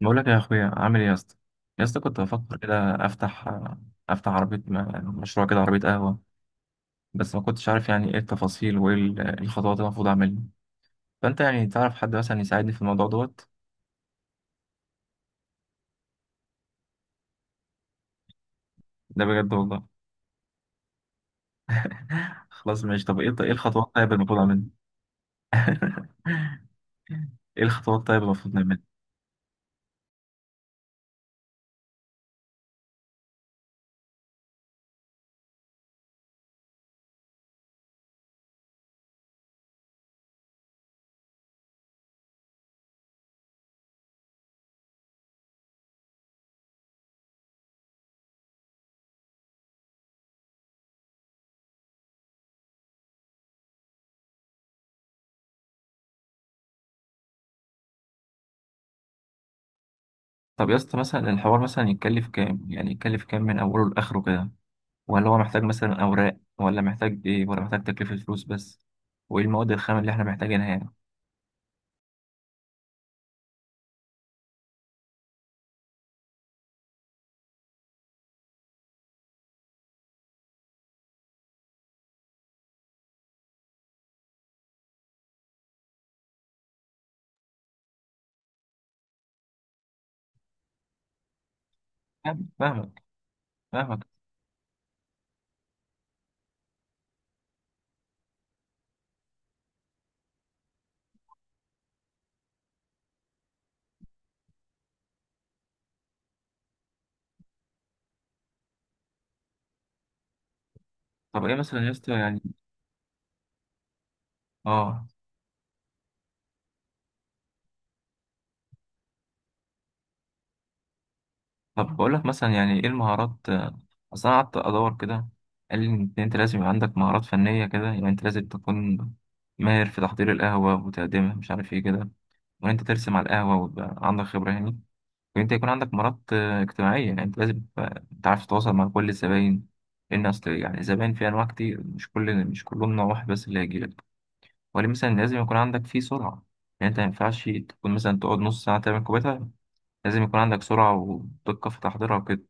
بقول لك يا اخويا، عامل ايه يا اسطى؟ يا اسطى كنت بفكر كده افتح عربيه، مشروع كده، عربيه قهوه. بس ما كنتش عارف يعني ايه التفاصيل وايه الخطوات اللي المفروض اعملها. فانت يعني تعرف حد مثلا يساعدني في الموضوع دوت؟ ده بجد والله. خلاص ماشي، طب ايه الخطوات طيب المفروض اعملها؟ ايه الخطوات طيب المفروض نعملها؟ طب يا اسطى، مثلا الحوار مثلا يتكلف كام؟ يعني يتكلف كام من اوله لاخره كده؟ ولا هو محتاج مثلا اوراق، ولا محتاج ايه، ولا محتاج تكلفه فلوس بس؟ وايه المواد الخام اللي احنا محتاجينها يعني؟ فاهمك، فاهمك. طب ايه مثلا يا اسطى يعني؟ اه. طب بقول لك مثلا، يعني ايه المهارات، اصل انا قعدت ادور كده، قال لي ان انت لازم يبقى عندك مهارات فنيه كده، يعني انت لازم تكون ماهر في تحضير القهوه وتقديمها مش عارف ايه كده، وان انت ترسم على القهوه ويبقى عندك خبره يعني، وان انت يكون عندك مهارات اجتماعيه، يعني انت لازم تبقى تعرف تتواصل مع كل الزباين، لان اصل يعني الزباين في انواع كتير، مش كل مش كلهم نوع واحد بس اللي هيجي لك، وليه مثلا لازم يكون عندك فيه سرعه. يعني انت ما ينفعش تكون مثلا تقعد نص ساعه تعمل كوبايه، لازم يكون عندك سرعة ودقة في تحضيرها وكده.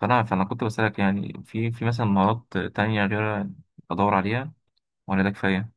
فأنا كنت بسألك، يعني في مثلا مهارات تانية غير أدور عليها، ولا ده كفاية؟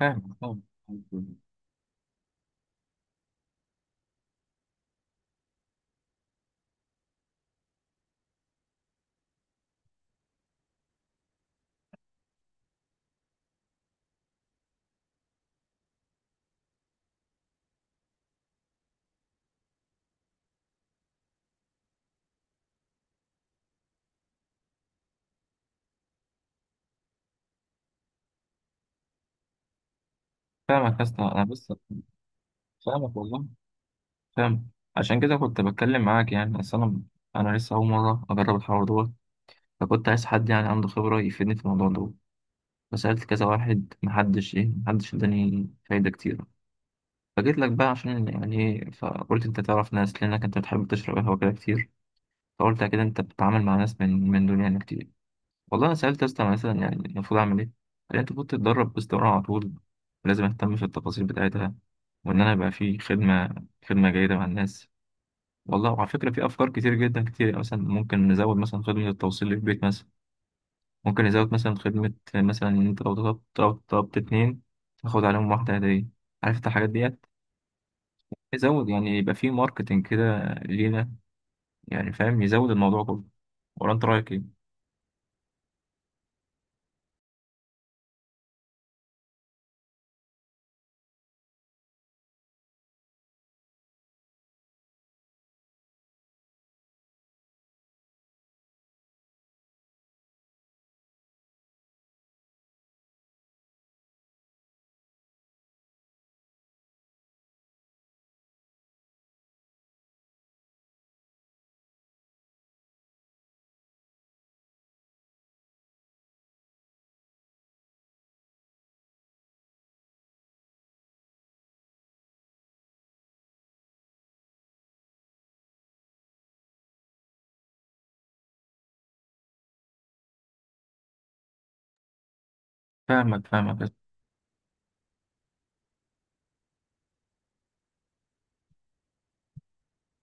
فاهم، فاهم. فاهمك يا اسطى، أنا بس. فاهمك والله. فاهم. عشان كده كنت بتكلم معاك، يعني أصل أنا لسه أول مرة أجرب الحوار دوت، فكنت عايز حد يعني عنده خبرة يفيدني في الموضوع دوت. فسألت كذا واحد، محدش إيه، محدش إداني فايدة كتيرة. فجيت لك بقى عشان يعني إيه، فقلت أنت تعرف ناس لأنك أنت بتحب تشرب قهوة كده كتير، فقلت أكيد أنت بتتعامل مع ناس من دول يعني كتير. والله أنا سألت يا اسطى مثلا يعني المفروض أعمل إيه؟ قال لي أنت المفروض تتدرب باستمرار على طول، لازم أهتم في التفاصيل بتاعتها، وإن أنا يبقى في خدمة جيدة مع الناس. والله وعلى فكرة في أفكار كتير جدا كتير، يعني مثلا ممكن نزود مثلا خدمة التوصيل للبيت مثلا، ممكن نزود مثلا خدمة مثلا إن أنت لو طلبت اتنين تاخد عليهم واحدة هدية، عارف أنت الحاجات ديت، يزود يعني يبقى في ماركتينج كده لينا، يعني فاهم يزود الموضوع كله. ولا أنت رأيك إيه؟ فاهمك، فاهمك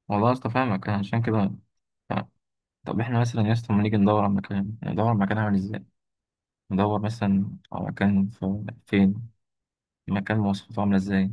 والله يا اسطى، فاهمك. أنا عشان كده ف- طب احنا مثلا يا اسطى لما نيجي ندور على مكان، يعني ندور على مكان عامل ازاي، ندور مثلا على مكان في فين، مكان مواصفاته عامله ازاي؟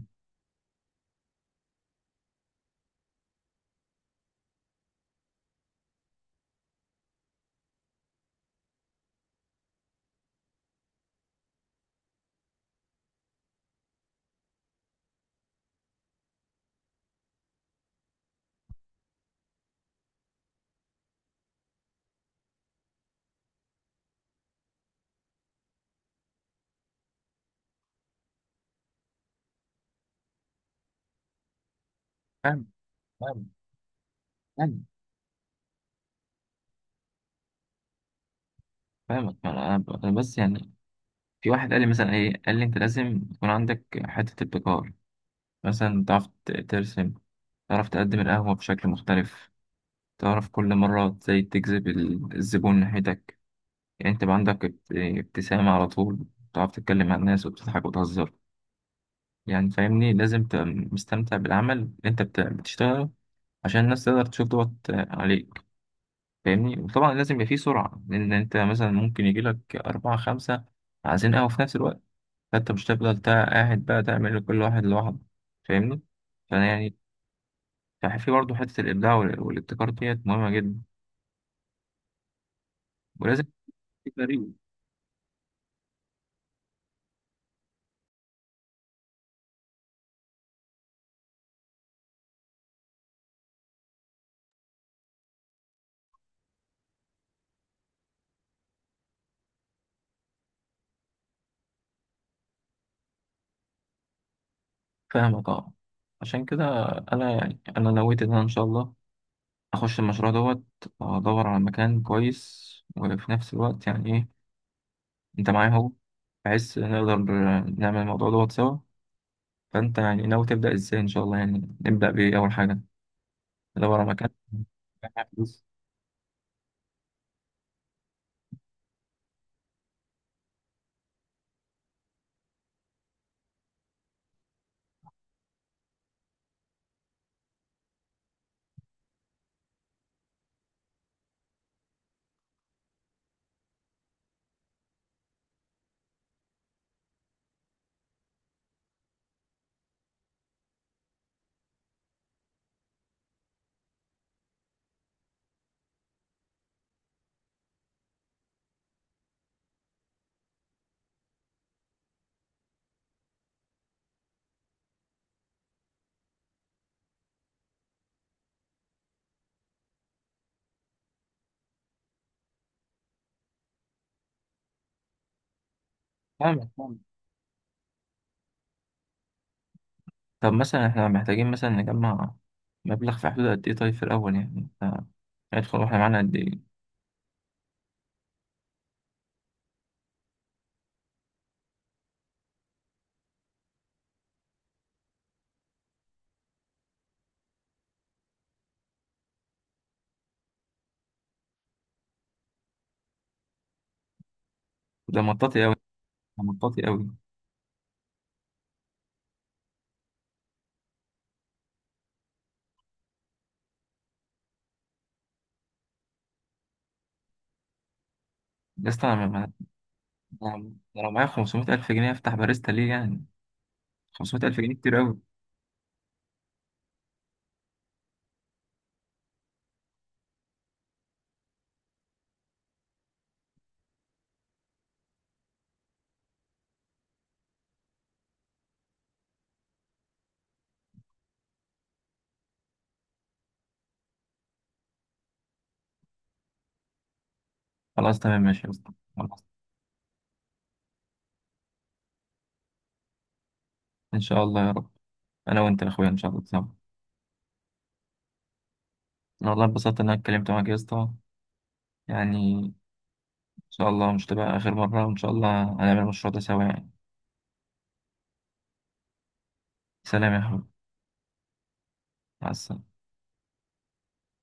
فاهم، فاهم، فاهم. فاهمك. أنا بس يعني في واحد قال لي مثلا ايه، قال لي انت لازم يكون عندك حته ابتكار، مثلا تعرف ترسم، تعرف تقدم القهوه بشكل مختلف، تعرف كل مرة ازاي تجذب الزبون ناحيتك، يعني انت بقى عندك ابتسامة على طول، تعرف تتكلم مع الناس وبتضحك وتهزر، يعني فاهمني لازم تبقى مستمتع بالعمل اللي انت بتشتغله، عشان الناس تقدر تشوف دوت عليك. فاهمني؟ وطبعا لازم يبقى فيه سرعة، لأن انت مثلا ممكن يجيلك أربعة خمسة عايزين قهوة في نفس الوقت، فانت مش هتفضل قاعد بقى تعمل لكل واحد لوحده. فاهمني؟ فأنا يعني في برضه حتة الإبداع والابتكار ديت مهمة جدا، ولازم يبقى في فريق. فاهمك، اه. عشان كده أنا يعني أنا نويت إن أنا إن شاء الله أخش المشروع دوت، وأدور على مكان كويس، وفي نفس الوقت يعني إيه، انت معايا اهو، بحيث نقدر نعمل الموضوع دوت سوا. فانت يعني ناوي تبدأ ازاي ان شاء الله؟ يعني نبدأ بايه اول حاجة؟ ندور على مكان. نجمع فلوس. فاهمك، فاهمك. طب مثلا احنا محتاجين مثلا نجمع مبلغ في حدود قد ايه طيب في الاول؟ يعني انت هيدخل واحنا معانا قد ايه؟ ده مطاطي قوي، ده مطاطي قوي. يا اسطى انا أنا لو معايا 500 الف جنيه افتح باريستا ليه يعني؟ 500 الف جنيه كتير قوي. خلاص تمام ماشي يا اسطى، خلاص. ان شاء الله يا رب، انا وانت يا اخويا ان شاء الله، تمام. انا والله اتبسطت ان انا اتكلمت معاك يا اسطى، يعني إن شاء الله مش تبقى آخر مرة، وإن شاء الله هنعمل المشروع ده سوا يعني. سلام يا حبيبي، مع السلامة.